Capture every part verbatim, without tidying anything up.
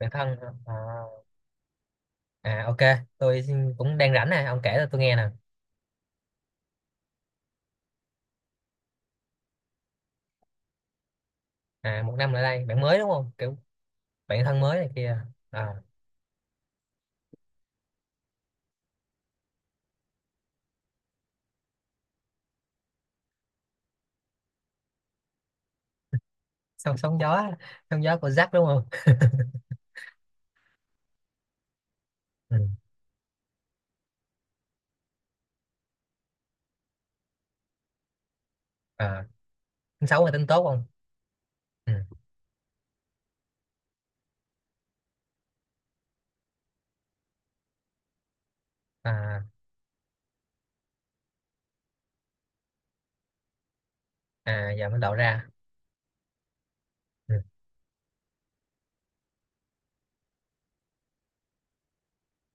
Người thân hả? à, à OK. Tôi xin- cũng đang rảnh nè, ông kể cho tôi nghe nè. À, một năm lại đây bạn mới đúng không, kiểu bạn thân mới này kia. À, sóng sóng gió sóng gió của Jack đúng không? Ừ. À, tính xấu hay tính tốt không? Ừ. À à, giờ mới lộ ra. Ừ.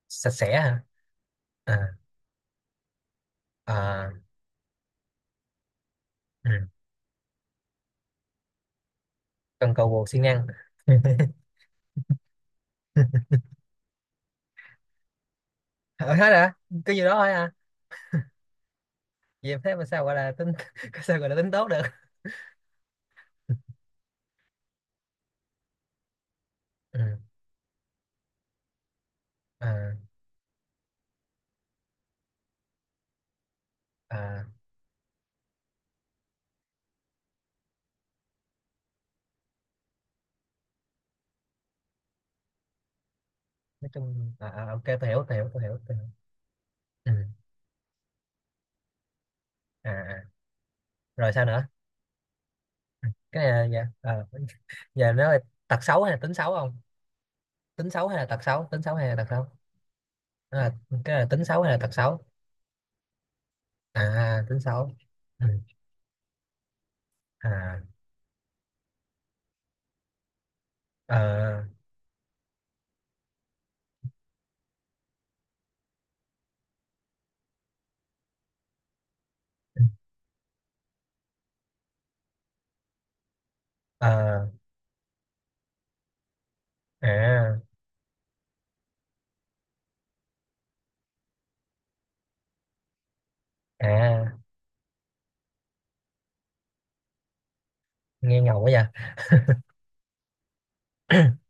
Sạch sẽ hả? À à. Ừ. Cần cầu bồ siêng năng. Ờ, hết hả? Cái gì đó thôi à? Vậy thế mà sao gọi là tính sao gọi là tính tốt được? Ừ. À, à, nói chung à, à, OK, tôi hiểu tôi hiểu tôi hiểu, tôi hiểu. Ừ. À à. Rồi sao nữa? Cái này là- dạ ờ, Giờ nó là tật xấu hay là tính xấu không? Tính xấu hay là tật xấu, tính xấu hay là tật xấu? Nó là, cái là tính xấu hay là tật xấu? À tính xấu. Ừ. À. Ờ ờ. À à, nghe ngầu quá vậy.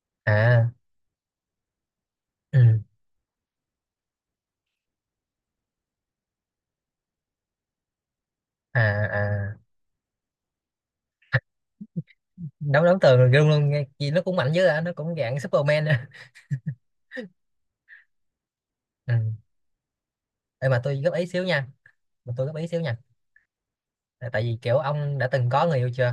À. Ừ. À à, đấu đấu tường rồi, luôn luôn nghe gì nó cũng mạnh dữ, à nó cũng dạng Superman á. Ừ. Ê, mà tôi góp ý xíu nha, mà tôi góp ý xíu nha. Là tại vì kiểu ông đã từng có người yêu chưa?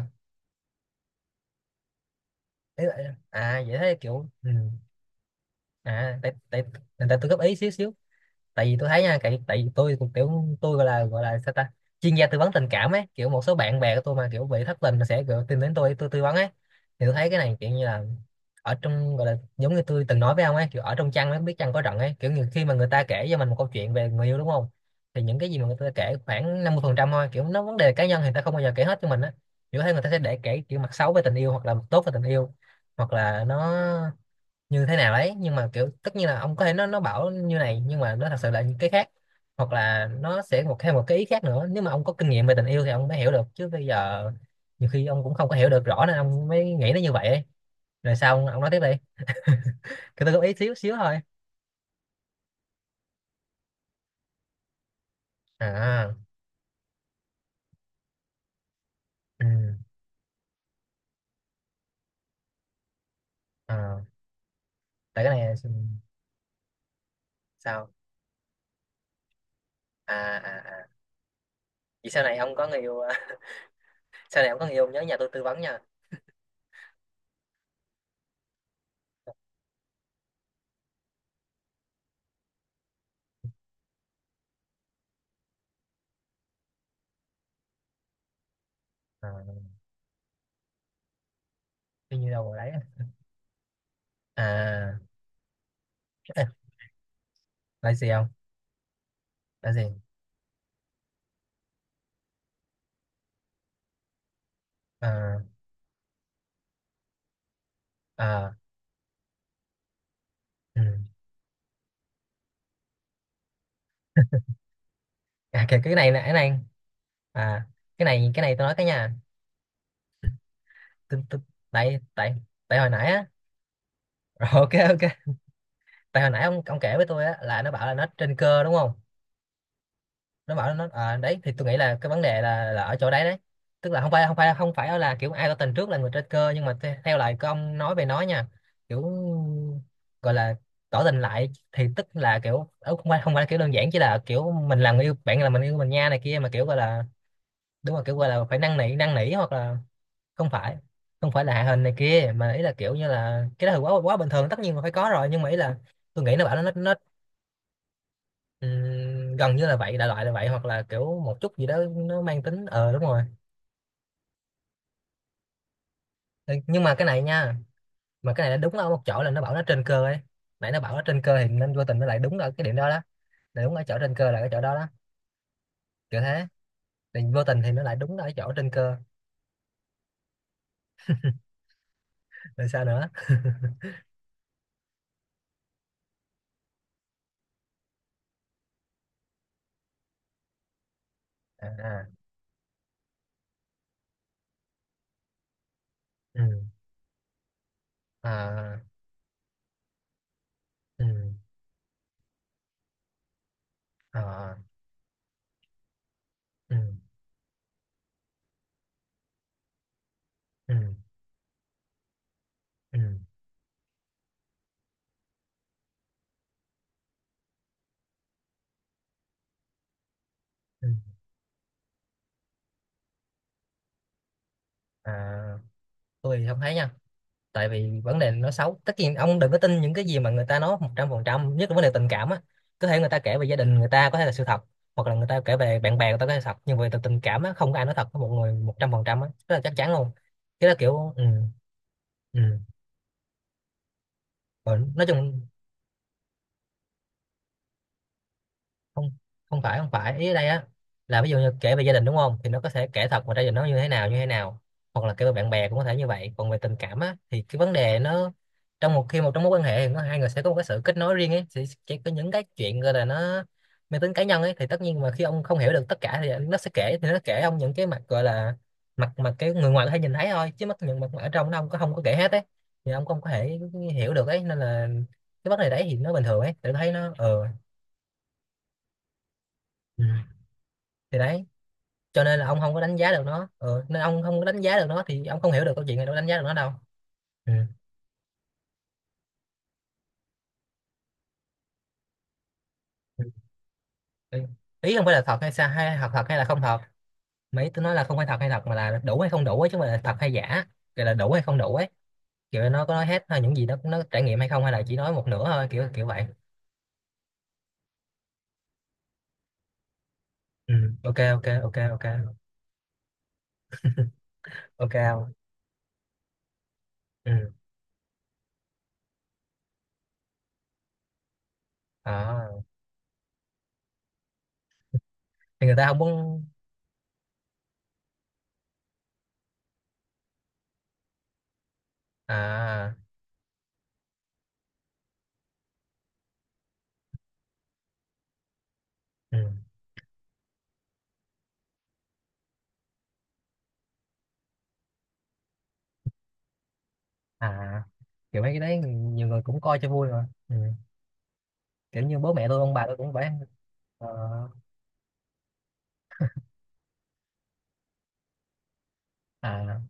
Ý là- à vậy thế kiểu ừ. À tại tại tại tại tôi góp ý xíu xíu, tại vì tôi thấy nha, tại tại vì tôi cũng kiểu, tôi gọi là gọi là sao ta, chuyên gia tư vấn tình cảm ấy, kiểu một số bạn bè của tôi mà kiểu bị thất tình là sẽ kiểu tìm đến tôi tôi tư vấn ấy. Thì tôi thấy cái này kiểu như là ở trong, gọi là giống như tôi từng nói với ông ấy, kiểu ở trong chăn ấy biết chăn có rận ấy, kiểu như khi mà người ta kể cho mình một câu chuyện về người yêu đúng không, thì những cái gì mà người ta kể khoảng năm mươi phần trăm thôi, kiểu nó vấn đề cá nhân thì người ta không bao giờ kể hết cho mình á. Kiểu thấy người ta sẽ để kể kiểu mặt xấu về tình yêu hoặc là mặt tốt về tình yêu, hoặc là nó như thế nào đấy, nhưng mà kiểu tất nhiên là ông có thể, nó nó bảo như này nhưng mà nó thật sự là những cái khác, hoặc là nó sẽ một thêm một cái ý khác nữa. Nếu mà ông có kinh nghiệm về tình yêu thì ông mới hiểu được, chứ bây giờ nhiều khi ông cũng không có hiểu được rõ, nên ông mới nghĩ nó như vậy ấy. Rồi sao ông, ông nói tiếp đi, cứ tôi góp ý xíu xíu thôi. À. ừ, À, tại cái này sao? À à à. Vậy sau này ông có người yêu sau này ông có người yêu nhớ nhà tôi tư vấn nha. À, tuy nhiên đâu rồi đấy. À. Ê, lại gì không, lại gì? À à. Ừ. À, cái, cái này là cái này. À cái này, cái này tôi nói cái nha. Tôi- tôi- tại tại tại hồi nãy á. Rồi, OK OK. Tại hồi nãy ông ông kể với tôi á là nó bảo là nó trên cơ đúng không? Nó bảo nó, à, đấy thì tôi nghĩ là cái vấn đề là là ở chỗ đấy đấy. Tức là không phải không phải không phải là kiểu ai có tình trước là người trên cơ, nhưng mà the- theo lời của ông nói về nó nha, kiểu gọi là tỏ tình lại thì tức là kiểu ờ, không phải không phải kiểu đơn giản chỉ là kiểu mình là người yêu bạn là mình yêu mình nha này kia, mà kiểu gọi là đúng, là kiểu gọi là phải năn nỉ năn nỉ, hoặc là không phải, không phải là hạ hình này kia, mà ý là kiểu như là cái đó thì quá quá bình thường, tất nhiên là phải có rồi, nhưng mà ý là tôi nghĩ nó bảo nó nó, nó ừm, gần như là vậy đại loại là vậy, hoặc là kiểu một chút gì đó nó mang tính ờ đúng rồi. Ừ, nhưng mà cái này nha, mà cái này nó đúng ở một chỗ là nó bảo nó trên cơ ấy. Nãy nó bảo nó trên cơ thì nên vô tình nó lại đúng ở cái điểm đó đó, là đúng ở chỗ trên cơ là cái chỗ đó đó, kiểu thế, thì vô tình thì nó lại đúng ở cái chỗ trên cơ. Rồi sao nữa? À. Ừ. À. Ừ. À. Ừ. Ừ. Ừ. Ừ. À, tôi không thấy nha. Tại vì vấn đề nó xấu, tất nhiên ông đừng có tin những cái gì mà người ta nói một trăm phần trăm, nhất là vấn đề tình cảm á. Có thể người ta kể về gia đình, người ta có thể là sự thật, hoặc là người ta kể về bạn bè người ta có thể là thật, nhưng về tình tình cảm á, không có ai nói thật với một người một trăm phần trăm á, rất là chắc chắn luôn. Cái đó kiểu ừ, ừ. Rồi, nói chung không, không phải không phải ý ở đây á, là ví dụ như kể về gia đình đúng không, thì nó có thể kể thật, mà gia đình nó như thế nào như thế nào, hoặc là kể về bạn bè cũng có thể như vậy, còn về tình cảm á thì cái vấn đề nó trong một khi một trong mối quan hệ thì nó hai người sẽ có một cái sự kết nối riêng ấy, sẽ, sẽ có những cái chuyện gọi là nó mang tính cá nhân ấy, thì tất nhiên mà khi ông không hiểu được tất cả thì nó sẽ kể, thì nó kể ông những cái mặt gọi là mặt mặt cái người ngoài có thể nhìn thấy thôi, chứ mất những mặt mà ở trong nó ông có không có kể hết ấy, thì ông không có thể hiểu được ấy, nên là cái vấn đề đấy thì nó bình thường ấy, tự thấy nó ờ ừ. Thì đấy, cho nên là ông không có đánh giá được nó ừ, nên ông không có đánh giá được nó thì ông không hiểu được câu chuyện, này đâu có đánh giá được nó đâu. Ừ. ý Ý không phải là thật hay sao, hay thật thật hay là không thật. Mấy tôi nói là không phải thật hay thật mà là đủ hay không đủ ấy, chứ không phải là thật hay giả, kiểu là đủ hay không đủ ấy, kiểu nó có nói hết hay những gì nó nó trải nghiệm hay không, hay là chỉ nói một nửa thôi, kiểu kiểu vậy. Ừ. ok ok ok ok OK không? Ừ. À. Thì người ta không muốn. À. Ừ. À kiểu mấy cái đấy nhiều người cũng coi cho vui mà ừ. Kiểu như bố mẹ tôi ông bà tôi cũng phải. Ờ. À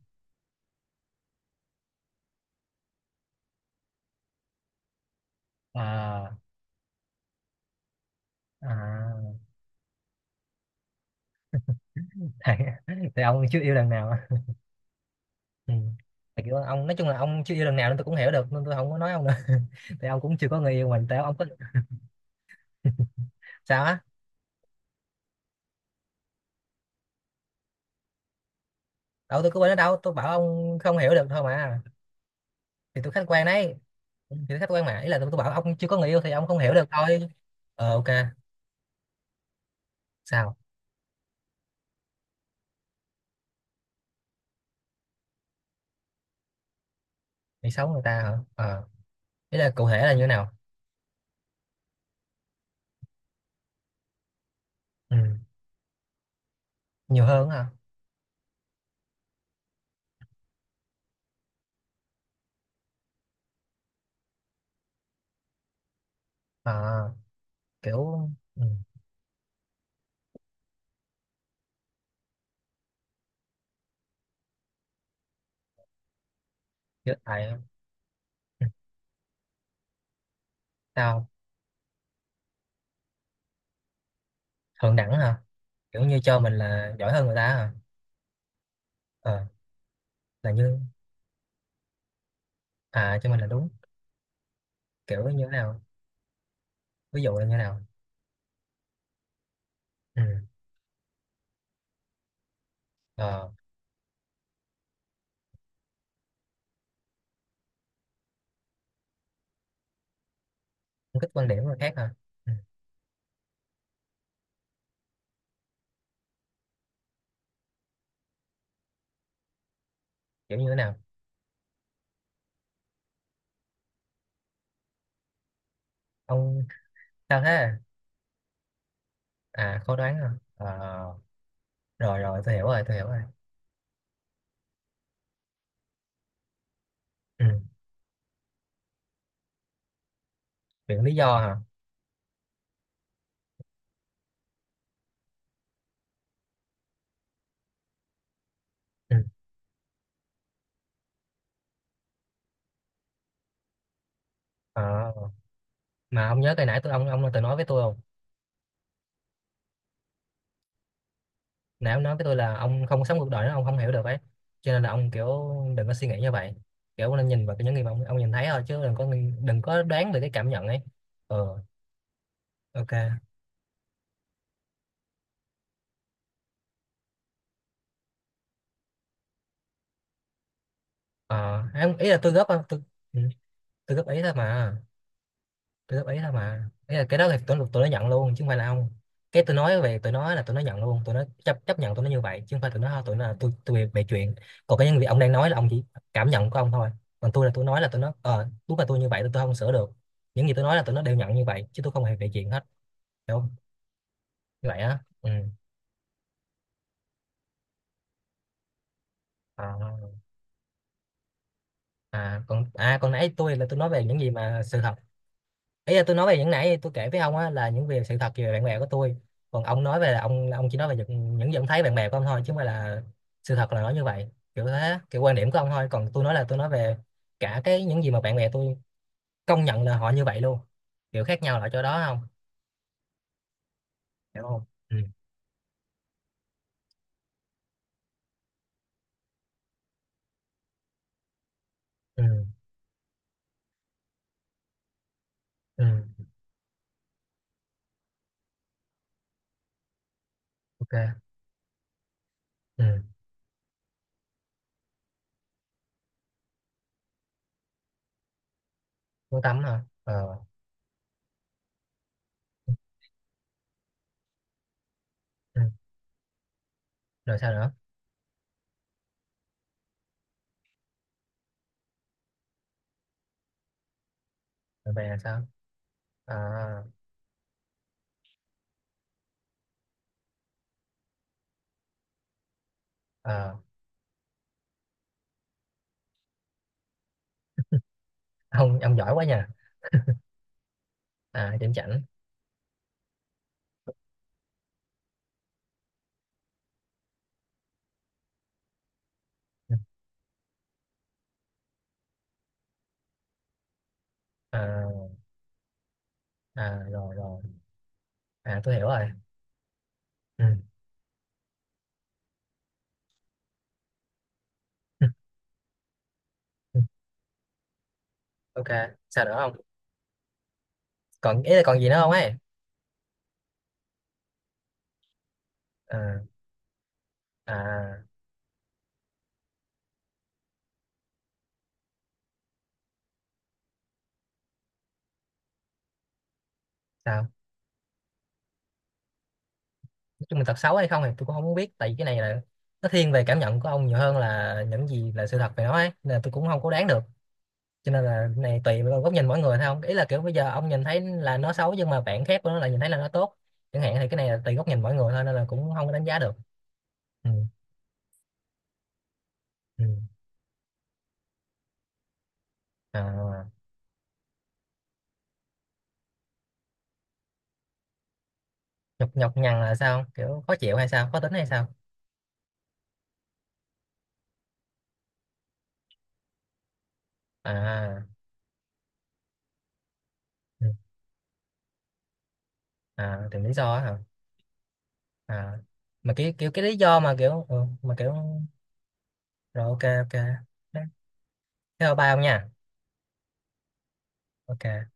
à à, tại, tại ông chưa yêu lần nào á. Ừ. Tại kiểu ông, nói chung là ông chưa yêu lần nào nên tôi cũng hiểu được, nên tôi không có nói ông nữa. Tại ông cũng chưa có người yêu mình, tại ông có. Sao á? Đâu tôi có bên đó đâu, tôi bảo ông không hiểu được thôi mà. Thì tôi khách quan đấy. Thì tôi khách quan mà, ý là tôi, tôi bảo ông chưa có người yêu thì ông không hiểu được thôi. Ờ OK. Sao? Bị xấu người ta hả? Ờ, ý là cụ thể là như thế nào? Ừ. Nhiều hơn hả? Ờ kiểu ừ. Kiểu tại ừ, sao? Thượng đẳng hả? Kiểu như cho mình là giỏi hơn người ta à? Ờ, là như, à cho mình là đúng. Kiểu như thế nào, ví dụ là như thế nào? Ừ. Ờ, ông thích quan điểm của người khác hả? Ừ. Kiểu như thế nào? Ông sao thế à, à khó đoán hả? Ờ rồi rồi, tôi hiểu rồi tôi hiểu rồi. Ừ. Chuyện lý do hả? Ừ. Ờ, mà ông nhớ cái nãy tôi, ông ông từng nói với tôi không, nãy ông nói với tôi là ông không sống cuộc đời đó ông không hiểu được ấy, cho nên là ông kiểu đừng có suy nghĩ như vậy, kiểu ông nên nhìn vào cái những gì mà ông, ông nhìn thấy thôi chứ đừng có, đừng có đoán về cái cảm nhận ấy. Ờ OK. Ờ em ý là tôi góp á, tôi ừ, tôi góp ý thôi mà, tôi góp ý thôi mà. Ý là cái đó là tôi tôi nó nhận luôn chứ không phải là ông. Cái tôi nói về, tôi nói là tôi nó nhận luôn, tôi nó chấp chấp nhận tôi nó như vậy, chứ không phải tôi nó thôi tụi nó là tôi tôi bịa chuyện. Còn cái những việc ông đang nói là ông chỉ cảm nhận của ông thôi, còn tôi là tôi nói là tôi nó ờ đúng là tôi như vậy, tôi, tôi không sửa được. Những gì tôi nói là tôi nó đều nhận như vậy, chứ tôi không hề bịa chuyện hết. Hiểu không? Như vậy á, ừ. À, à còn à còn nãy tôi là tôi nói về những gì mà sự thật. Ý là tôi nói về những nãy tôi kể với ông á, là những việc sự thật về bạn bè của tôi. Còn ông nói về là ông ông chỉ nói về những những gì ông thấy bạn bè của ông thôi, chứ không phải là sự thật là nó như vậy, kiểu thế kiểu quan điểm của ông thôi. Còn tôi nói là tôi nói về cả cái những gì mà bạn bè tôi công nhận là họ như vậy luôn, kiểu khác nhau là ở chỗ đó không, hiểu không? Ừ. Ừ. Ừ. OK. Ừ. Muốn tắm hả? Ờ ừ. Rồi sao nữa? Bạn bè là sao? Ờ. Ờ. ông ông giỏi quá nha. À điểm chảnh. Ừ. Ờ, à rồi rồi, à tôi hiểu rồi. Ừ. Ừ. OK, sao nữa không? Còn ý là còn gì nữa không ấy? Ờ. À. Sao? Nói chung là thật xấu hay không thì tôi cũng không muốn biết, tại vì cái này là nó thiên về cảm nhận của ông nhiều hơn là những gì là sự thật về nó ấy, nên là tôi cũng không có đoán được, cho nên là cái này tùy vào góc nhìn mỗi người thôi không. Ý là kiểu bây giờ ông nhìn thấy là nó xấu, nhưng mà bạn khác của nó là nhìn thấy là nó tốt chẳng hạn, thì cái này là tùy góc nhìn mỗi người thôi, nên là cũng không có đánh giá được. Ừ. Ừ. À, nhọc nhọc nhằn là sao, kiểu khó chịu hay sao, khó tính hay sao? À, ừ. À tìm lý do á hả? À, mà kiểu kiểu cái lý do mà kiểu ừ, mà kiểu. Rồi OK OK. Thế, theo ba ông nha. OK.